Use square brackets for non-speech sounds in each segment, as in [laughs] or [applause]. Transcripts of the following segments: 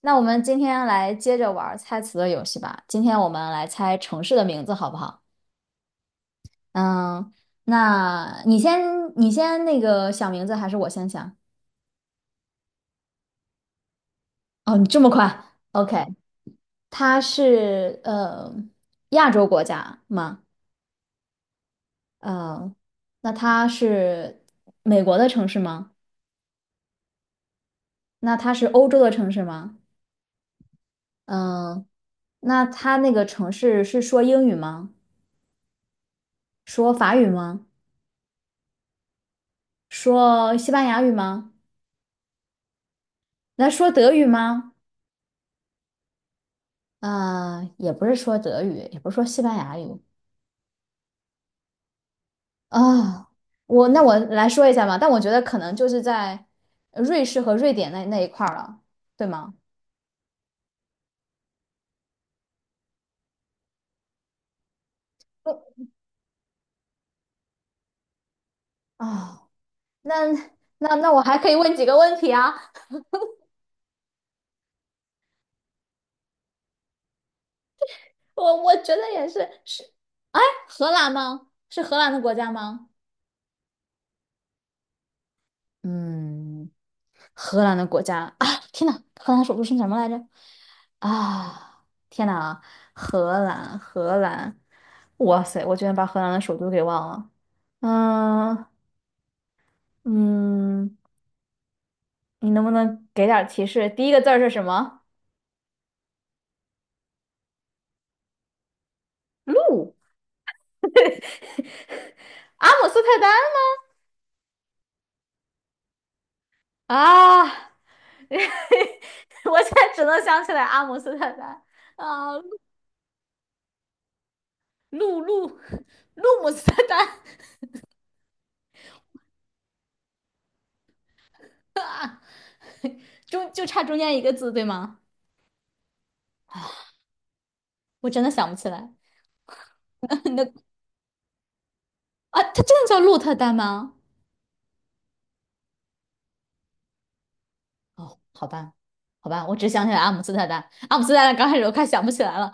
那我们今天来接着玩猜词的游戏吧。今天我们来猜城市的名字，好不好？嗯，那你先，你先那个想名字，还是我先想？哦，你这么快？OK，它是亚洲国家吗？嗯，那它是美国的城市吗？那它是欧洲的城市吗？嗯，那它那个城市是说英语吗？说法语吗？说西班牙语吗？那说德语吗？啊、也不是说德语，也不是说西班牙语。啊、那我来说一下吧，但我觉得可能就是在瑞士和瑞典那一块儿了，对吗？啊、那那我还可以问几个问题啊？我觉得也是，是荷兰吗？是荷兰的国家吗？嗯，荷兰的国家啊，天呐，荷兰首都是什么来着？啊，天呐，荷兰，荷兰，哇塞，我居然把荷兰的首都给忘了。嗯嗯，你能不能给点儿提示？第一个字儿是什么？鹿？阿姆斯特丹吗？啊，[laughs] 我现在只能想起来阿姆斯特丹啊，鹿鹿鹿姆斯特丹，就差中间一个字，对吗？我真的想不起来啊，它真的叫鹿特丹吗？哦，好吧，好吧，我只想起来阿姆斯特丹，阿姆斯特丹刚开始我快想不起来了。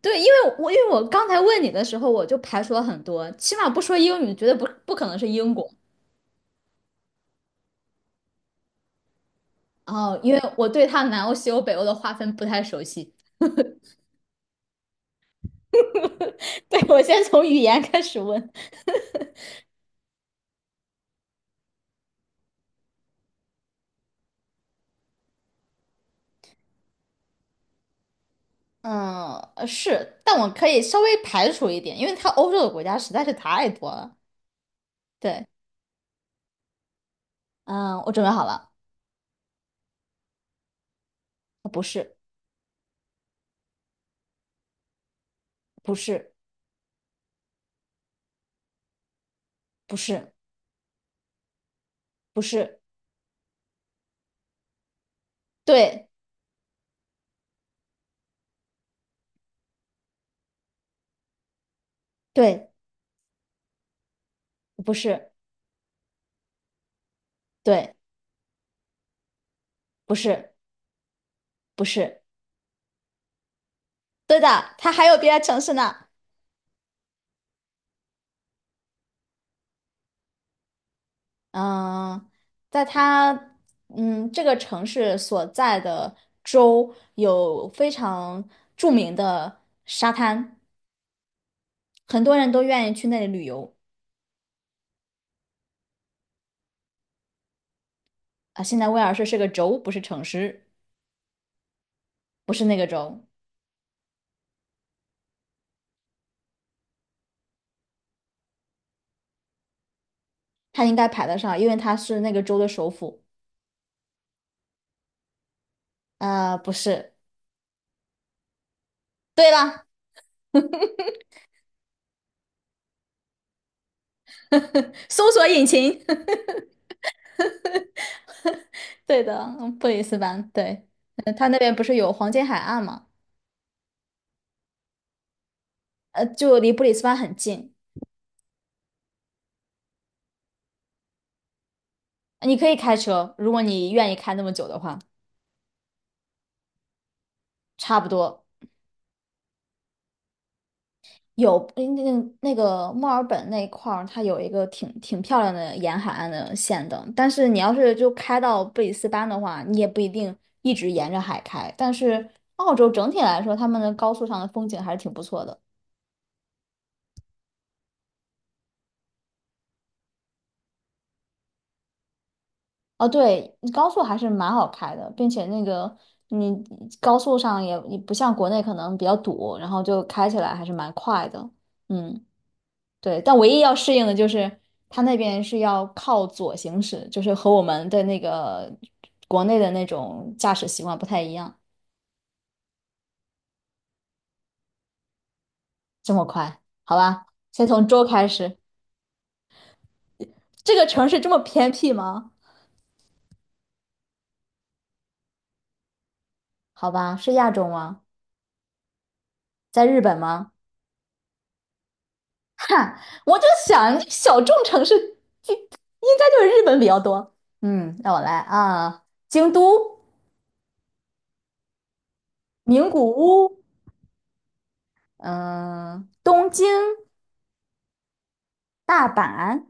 对，因为我刚才问你的时候，我就排除了很多，起码不说英语，绝对不可能是英国。哦，因为我对它南欧、西欧、北欧的划分不太熟悉。[laughs] 对，我先从语言开始问。嗯，是，但我可以稍微排除一点，因为它欧洲的国家实在是太多了。对，嗯，我准备好了，不是，不是，不是，不是。对对，不是，对，不是，不是，对的，它还有别的城市呢。嗯，在它嗯这个城市所在的州有非常著名的沙滩，很多人都愿意去那里旅游啊。现在威尔士是个州，不是城市，不是那个州，它应该排得上，因为它是那个州的首府。不是，对了，[laughs] 搜索引擎。对的，布里斯班，对，它那边不是有黄金海岸嘛，就离布里斯班很近，你可以开车，如果你愿意开那么久的话，差不多有那个墨尔本那一块儿，它有一个挺漂亮的沿海岸的线的，但是你要是就开到布里斯班的话，你也不一定一直沿着海开，但是澳洲整体来说，他们的高速上的风景还是挺不错的。哦，对，高速还是蛮好开的，并且那个你高速上也不像国内可能比较堵，然后就开起来还是蛮快的。嗯，对，但唯一要适应的就是它那边是要靠左行驶，就是和我们的那个国内的那种驾驶习惯不太一样。这么快，好吧，先从周开始。这个城市这么偏僻吗？好吧，是亚洲吗？在日本吗？[laughs] 哈，我就想小众城市就应该就是日本比较多。嗯，让我来啊，京都、名古屋，嗯，东京、大阪、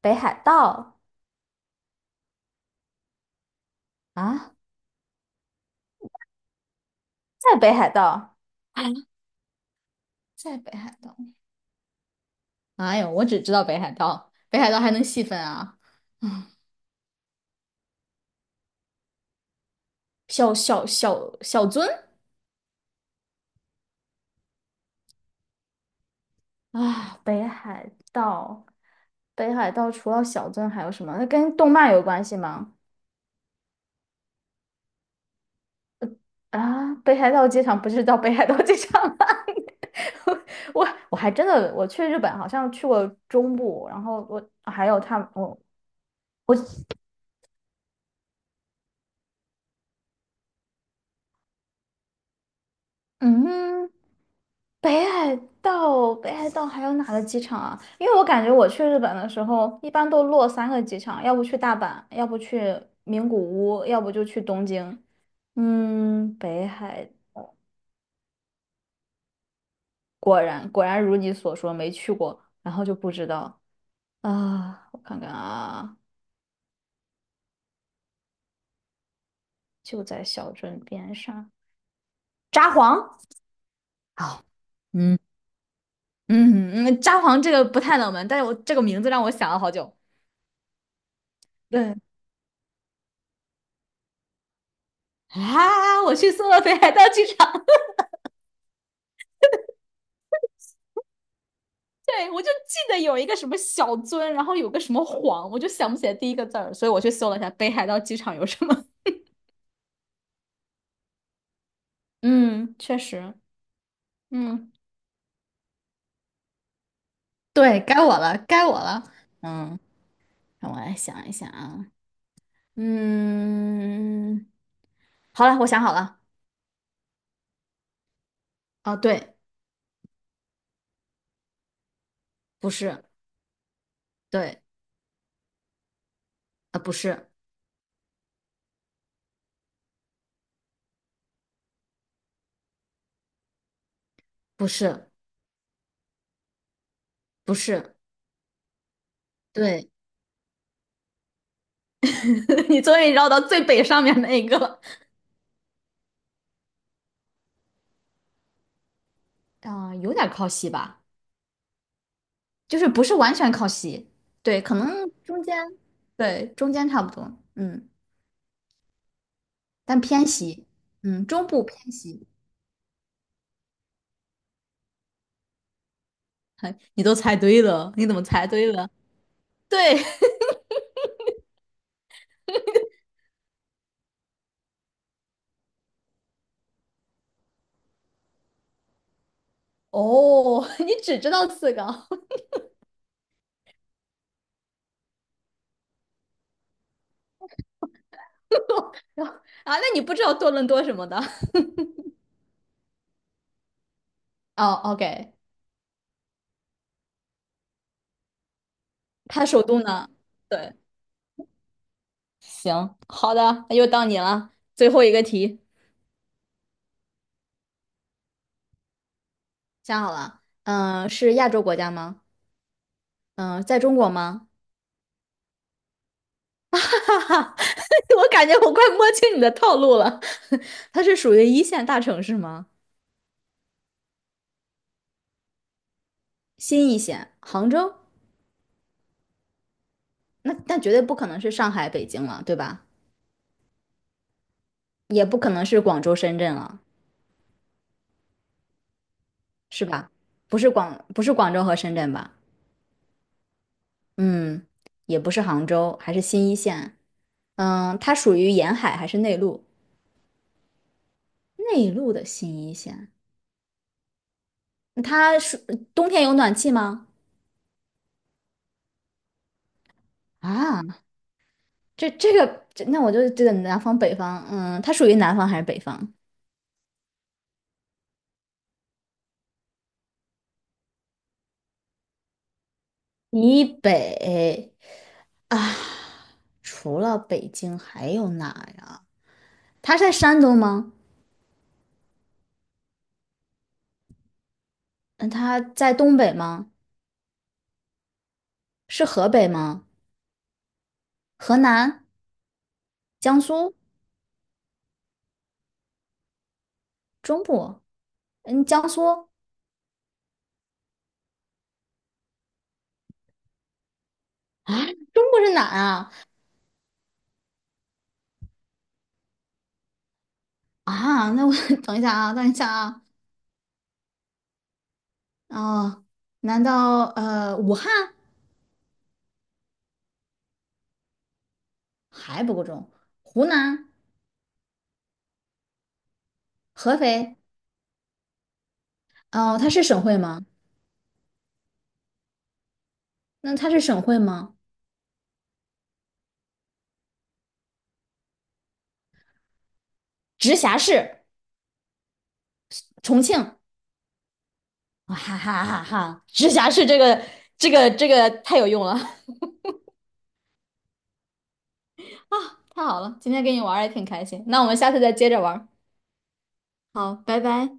北海道啊，在北海道，啊，在北海道。哎呦，我只知道北海道，北海道还能细分啊，小樽啊，北海道，北海道除了小樽还有什么？那跟动漫有关系吗？啊，北海道机场不是叫北海道机场吗？[laughs] 我还真的去日本好像去过中部，然后我还有他我我嗯，北海道还有哪个机场啊？因为我感觉我去日本的时候一般都落三个机场，要不去大阪，要不去名古屋，要不就去东京。嗯，北海果然果然如你所说没去过，然后就不知道啊，我看看啊。就在小镇边上。札幌，好，嗯嗯嗯，札幌这个不太冷门，但是我这个名字让我想了好久。对，[laughs] 啊，我去搜了北海道机场，[laughs] 对，我就记得有一个什么小樽，然后有个什么幌，我就想不起来第一个字儿，所以我去搜了一下北海道机场有什么。[laughs] 嗯，确实，嗯，对，该我了，该我了。嗯，让我来想一想啊。嗯，好了，我想好了。哦，对，不是，对，啊，不是，不是，不是，对，[laughs] 你终于绕到最北上面那一个了。啊、有点靠西吧，就是不是完全靠西，对，可能中间，对，中间差不多，嗯，但偏西，嗯，中部偏西，哎你都猜对了，你怎么猜对了？对，[laughs] 哦，[laughs] 你只知道四个 [laughs] 然后啊？那你不知道多伦多什么的？[laughs] 哦，OK，它首都呢？对，行，好的，那又到你了，最后一个题。想好了，是亚洲国家吗？嗯、在中国吗？[laughs] 哈哈哈，我感觉我快摸清你的套路了。[laughs] 它是属于一线大城市吗？新一线，杭州？那绝对不可能是上海、北京了，对吧？也不可能是广州、深圳了，是吧？不是广州和深圳吧？嗯，也不是杭州，还是新一线。嗯，它属于沿海还是内陆？内陆的新一线，它是冬天有暖气吗？啊，这这个，这那我就南方北方，它属于南方还是北方？以北啊，除了北京还有哪呀？它在山东吗？嗯，它在东北吗？是河北吗？河南、江苏、中部？嗯，江苏啊，中部是哪啊？啊，那我 [laughs] 等一下啊，等一下啊，哦，难道武汉还不够重？湖南、合肥？哦，它是省会吗？那它是省会吗？直辖市重庆，哈哈哈哈！直辖市这个太有用了，[laughs] 太好了，今天跟你玩也挺开心。那我们下次再接着玩。好，拜拜。